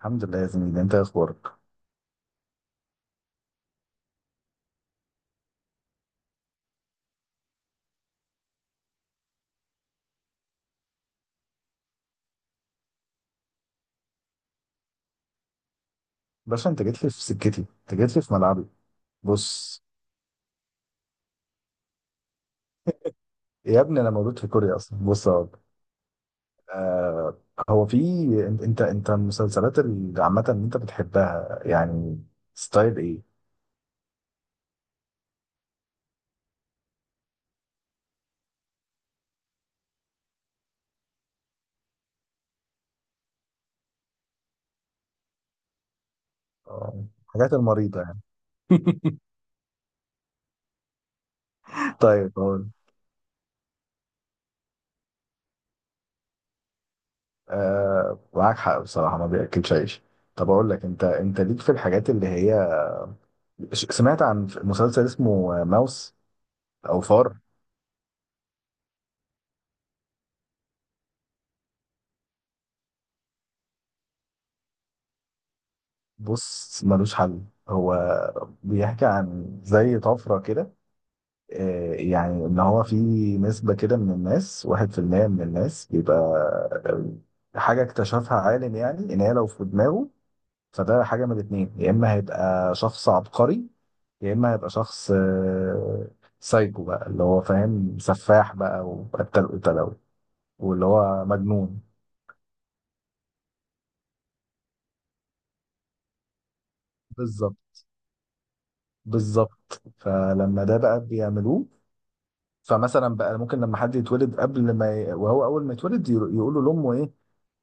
الحمد لله يا زميلي، انت ايه اخبارك؟ باشا، انت جيت لي في سكتي، انت جيت لي في ملعبي. بص، يا ابني انا مولود في كوريا اصلا. بص اهو. آه، هو في. انت المسلسلات اللي عامه اللي انت بتحبها يعني ستايل ايه؟ آه، الحاجات المريضه يعني. طيب اقول. آه، معاك حق بصراحه، ما بياكلش عيش. طب اقول لك، انت ليك في الحاجات اللي هي سمعت عن مسلسل اسمه ماوس، او فار. بص، ملوش حل هو. بيحكي عن زي طفرة كده. آه، يعني ان هو في نسبة كده من الناس، واحد في المية من الناس بيبقى آه، حاجة اكتشفها عالم. يعني ان هي لو في دماغه فده حاجة من الاتنين: يا اما هيبقى شخص عبقري، يا اما هيبقى شخص آه، سايكو بقى، اللي هو فاهم سفاح بقى وقتل قتلة واللي هو مجنون. بالظبط، بالظبط. فلما ده بقى بيعملوه، فمثلا بقى ممكن لما حد يتولد قبل ما وهو اول ما يتولد يقولوا لامه ايه،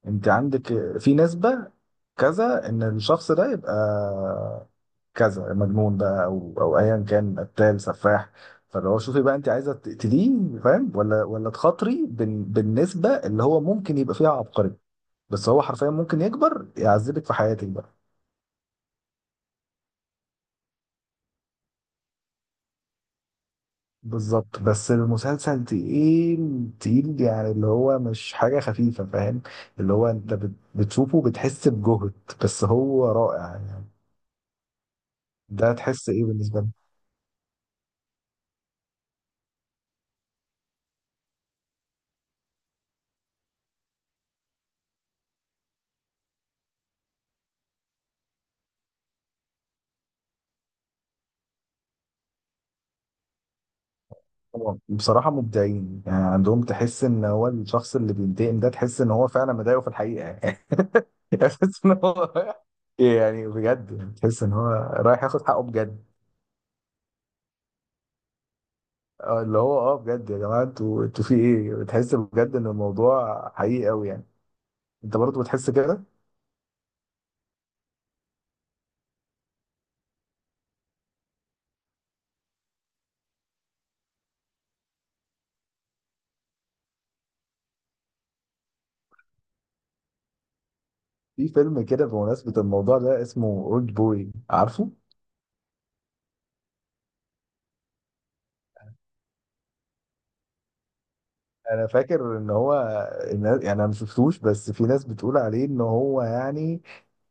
انت عندك في نسبة كذا ان الشخص ده يبقى كذا مجنون بقى، او او ايا كان قتال سفاح. فاللي هو شوفي بقى، انت عايزه تقتليه فاهم ولا تخاطري بالنسبه اللي هو ممكن يبقى فيها عبقري، بس هو حرفيا ممكن يكبر يعذبك في حياتك بقى. بالظبط. بس المسلسل تقيل تقيل يعني، اللي هو مش حاجة خفيفة فاهم. اللي هو انت بتشوفه بتحس بجهد، بس هو رائع يعني. ده تحس ايه بالنسبة لي. هو بصراحة مبدعين يعني، عندهم تحس ان هو الشخص اللي بينتقم ده تحس ان هو فعلا مضايقه في الحقيقة يعني. تحس ان هو، يعني بجد يعني، تحس ان هو رايح ياخد حقه بجد. اه، اللي هو اه بجد يا جماعة، انتوا في ايه؟ بتحس بجد ان الموضوع حقيقي قوي يعني. انت برضه بتحس كده؟ في فيلم كده بمناسبة الموضوع ده اسمه اولد بوي، عارفه؟ انا فاكر ان هو الناس يعني، انا ما شفتوش، بس في ناس بتقول عليه ان هو يعني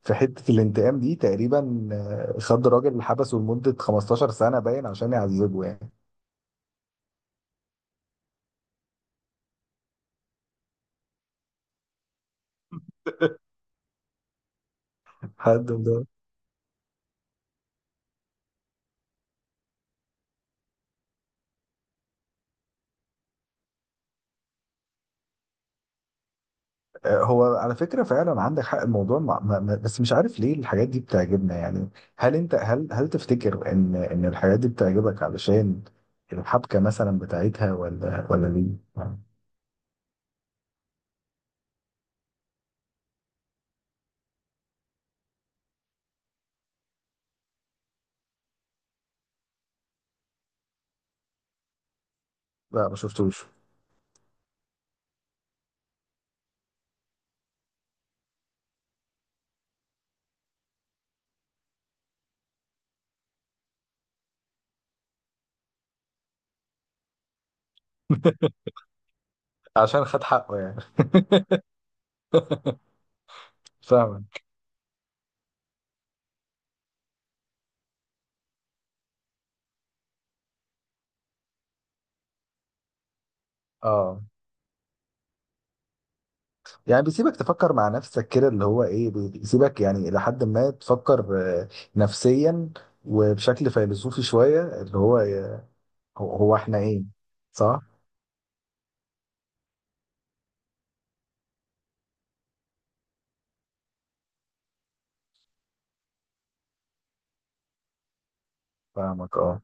في حتة الانتقام دي تقريبا آه، خد راجل حبسه لمدة 15 سنة باين عشان يعذبه يعني. حد ده آه، هو على فكرة فعلا عندك حق. الموضوع مع... ما... ما- بس مش عارف ليه الحاجات دي بتعجبنا يعني. هل انت هل هل تفتكر ان الحاجات دي بتعجبك علشان الحبكة مثلا بتاعتها، ولا ليه؟ لا، ما شفتوش. عشان خد حقه يعني. فاهمك، اه. يعني بيسيبك تفكر مع نفسك كده، اللي هو ايه بيسيبك يعني الى حد ما تفكر آه، نفسيا وبشكل فيلسوفي شويه، اللي هو آه، هو احنا ايه؟ صح. فاهمك، اه.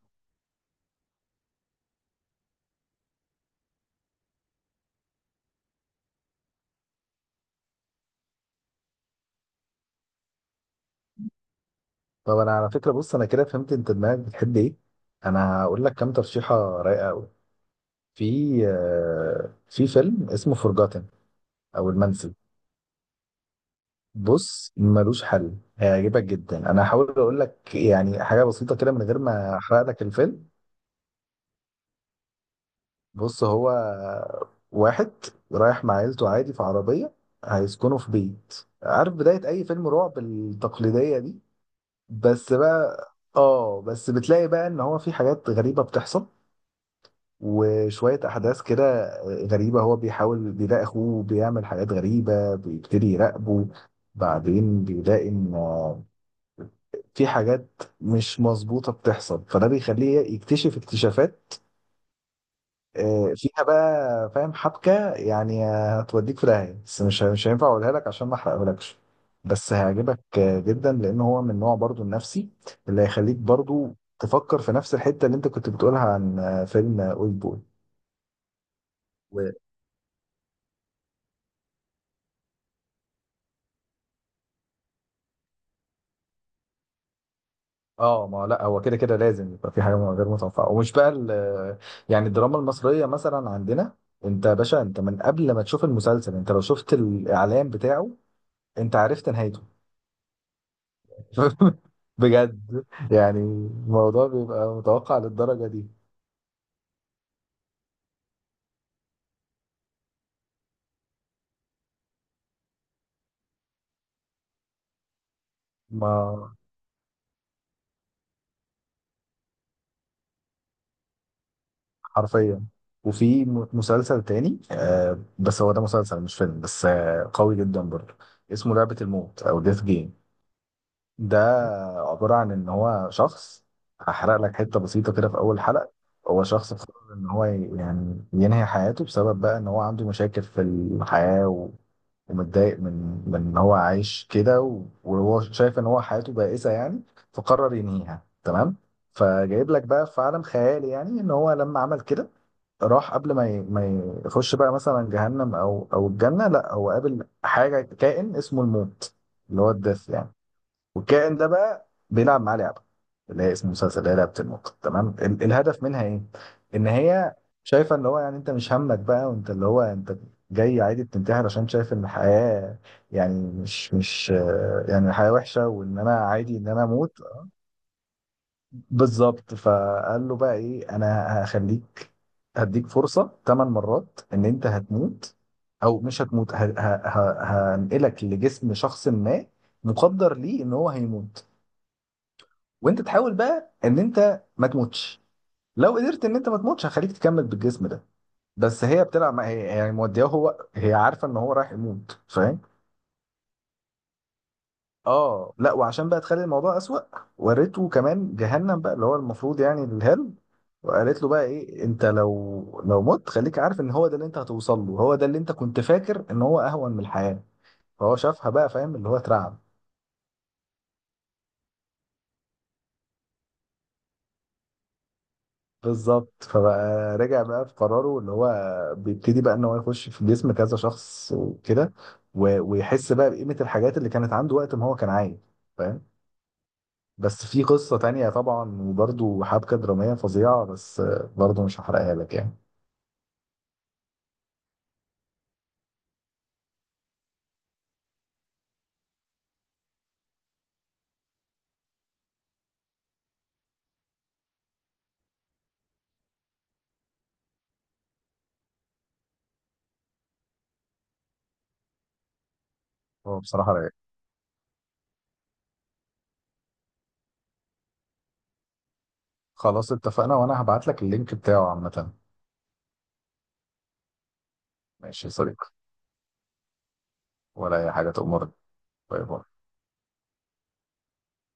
طب انا على فكره، بص انا كده فهمت انت دماغك بتحب ايه. انا هقول لك كام ترشيحه رايقه قوي. في آه، في فيلم اسمه فورجاتن، او المنسي. بص، ملوش حل، هيعجبك جدا. انا هحاول اقول لك يعني حاجه بسيطه كده من غير ما احرق لك الفيلم. بص، هو واحد رايح مع عيلته عادي في عربيه، هيسكنوا في بيت، عارف بدايه اي فيلم رعب التقليديه دي. بس بقى اه، بس بتلاقي بقى ان هو في حاجات غريبه بتحصل وشويه احداث كده غريبه. هو بيحاول، بيلاقي اخوه بيعمل حاجات غريبه، بيبتدي يراقبه. بعدين بيلاقي ان في حاجات مش مظبوطة بتحصل، فده بيخليه يكتشف اكتشافات آه، فيها بقى فاهم حبكة يعني آه، هتوديك في داهية. بس مش مش هينفع اقولها لك عشان ما احرقهولكش. بس هيعجبك آه، جدا، لان هو من نوع برضو النفسي اللي هيخليك برضو تفكر في نفس الحتة اللي انت كنت بتقولها عن آه، فيلم اولد بوي. اه، ما لا هو كده كده لازم يبقى في حاجه غير متوقعه. ومش بقى يعني الدراما المصريه مثلا عندنا، انت يا باشا، انت من قبل ما تشوف المسلسل، انت لو شفت الاعلان بتاعه انت عرفت نهايته. بجد. يعني الموضوع بيبقى متوقع للدرجه دي. ما حرفيا. وفي مسلسل تاني آه، بس هو ده مسلسل مش فيلم، بس آه قوي جدا برضه، اسمه لعبه الموت او ديث جيم. ده عبارة عن إن هو شخص، هحرق لك حتة بسيطة كده في أول حلقة. هو شخص قرر إن هو يعني ينهي حياته، بسبب بقى إن هو عنده مشاكل في الحياة و... ومتضايق من إن هو عايش كده، و... وهو شايف إن هو حياته بائسة يعني، فقرر ينهيها. تمام. فجايب لك بقى في عالم خيالي يعني، إن هو لما عمل كده راح قبل ما يخش بقى مثلا جهنم أو الجنة، لا هو قابل حاجة، كائن اسمه الموت، اللي هو الدث يعني. والكائن ده بقى بيلعب معاه لعبه، اللي هي اسم المسلسل، اللي هي لعبه النقط. تمام. الهدف منها ايه؟ ان هي شايفه اللي هو يعني انت مش همك بقى، وانت اللي هو انت جاي عادي بتنتحر عشان شايف ان الحياه يعني مش مش آه، يعني الحياه وحشه، وان انا عادي ان انا اموت. بالظبط. فقال له بقى ايه، انا هخليك، هديك فرصه ثمان مرات. ان انت هتموت او مش هتموت، هنقلك لجسم شخص ما مقدر ليه ان هو هيموت، وانت تحاول بقى ان انت ما تموتش. لو قدرت ان انت ما تموتش، هخليك تكمل بالجسم ده. بس هي بتلعب مع هي يعني مودياه، هو هي عارفه ان هو رايح يموت فاهم. اه لا. وعشان بقى تخلي الموضوع اسوأ، وريته كمان جهنم بقى، اللي هو المفروض يعني الهل. وقالت له بقى ايه، انت لو مت خليك عارف ان هو ده اللي انت هتوصل له. هو ده اللي انت كنت فاكر ان هو اهون من الحياه. فهو شافها بقى فاهم، اللي هو اترعب. بالظبط. فبقى رجع بقى في قراره، اللي هو بيبتدي بقى ان هو يخش في جسم كذا شخص وكده، ويحس بقى بقيمة الحاجات اللي كانت عنده وقت ما هو كان عايش، فاهم. بس في قصة تانية طبعا، وبرده حبكة درامية فظيعة، بس برضه مش هحرقها لك يعني. هو بصراحة رايق. خلاص اتفقنا، وانا هبعت لك اللينك بتاعه عامة. ماشي يا صديقي. ولا اي حاجة، تأمرك. باي باي.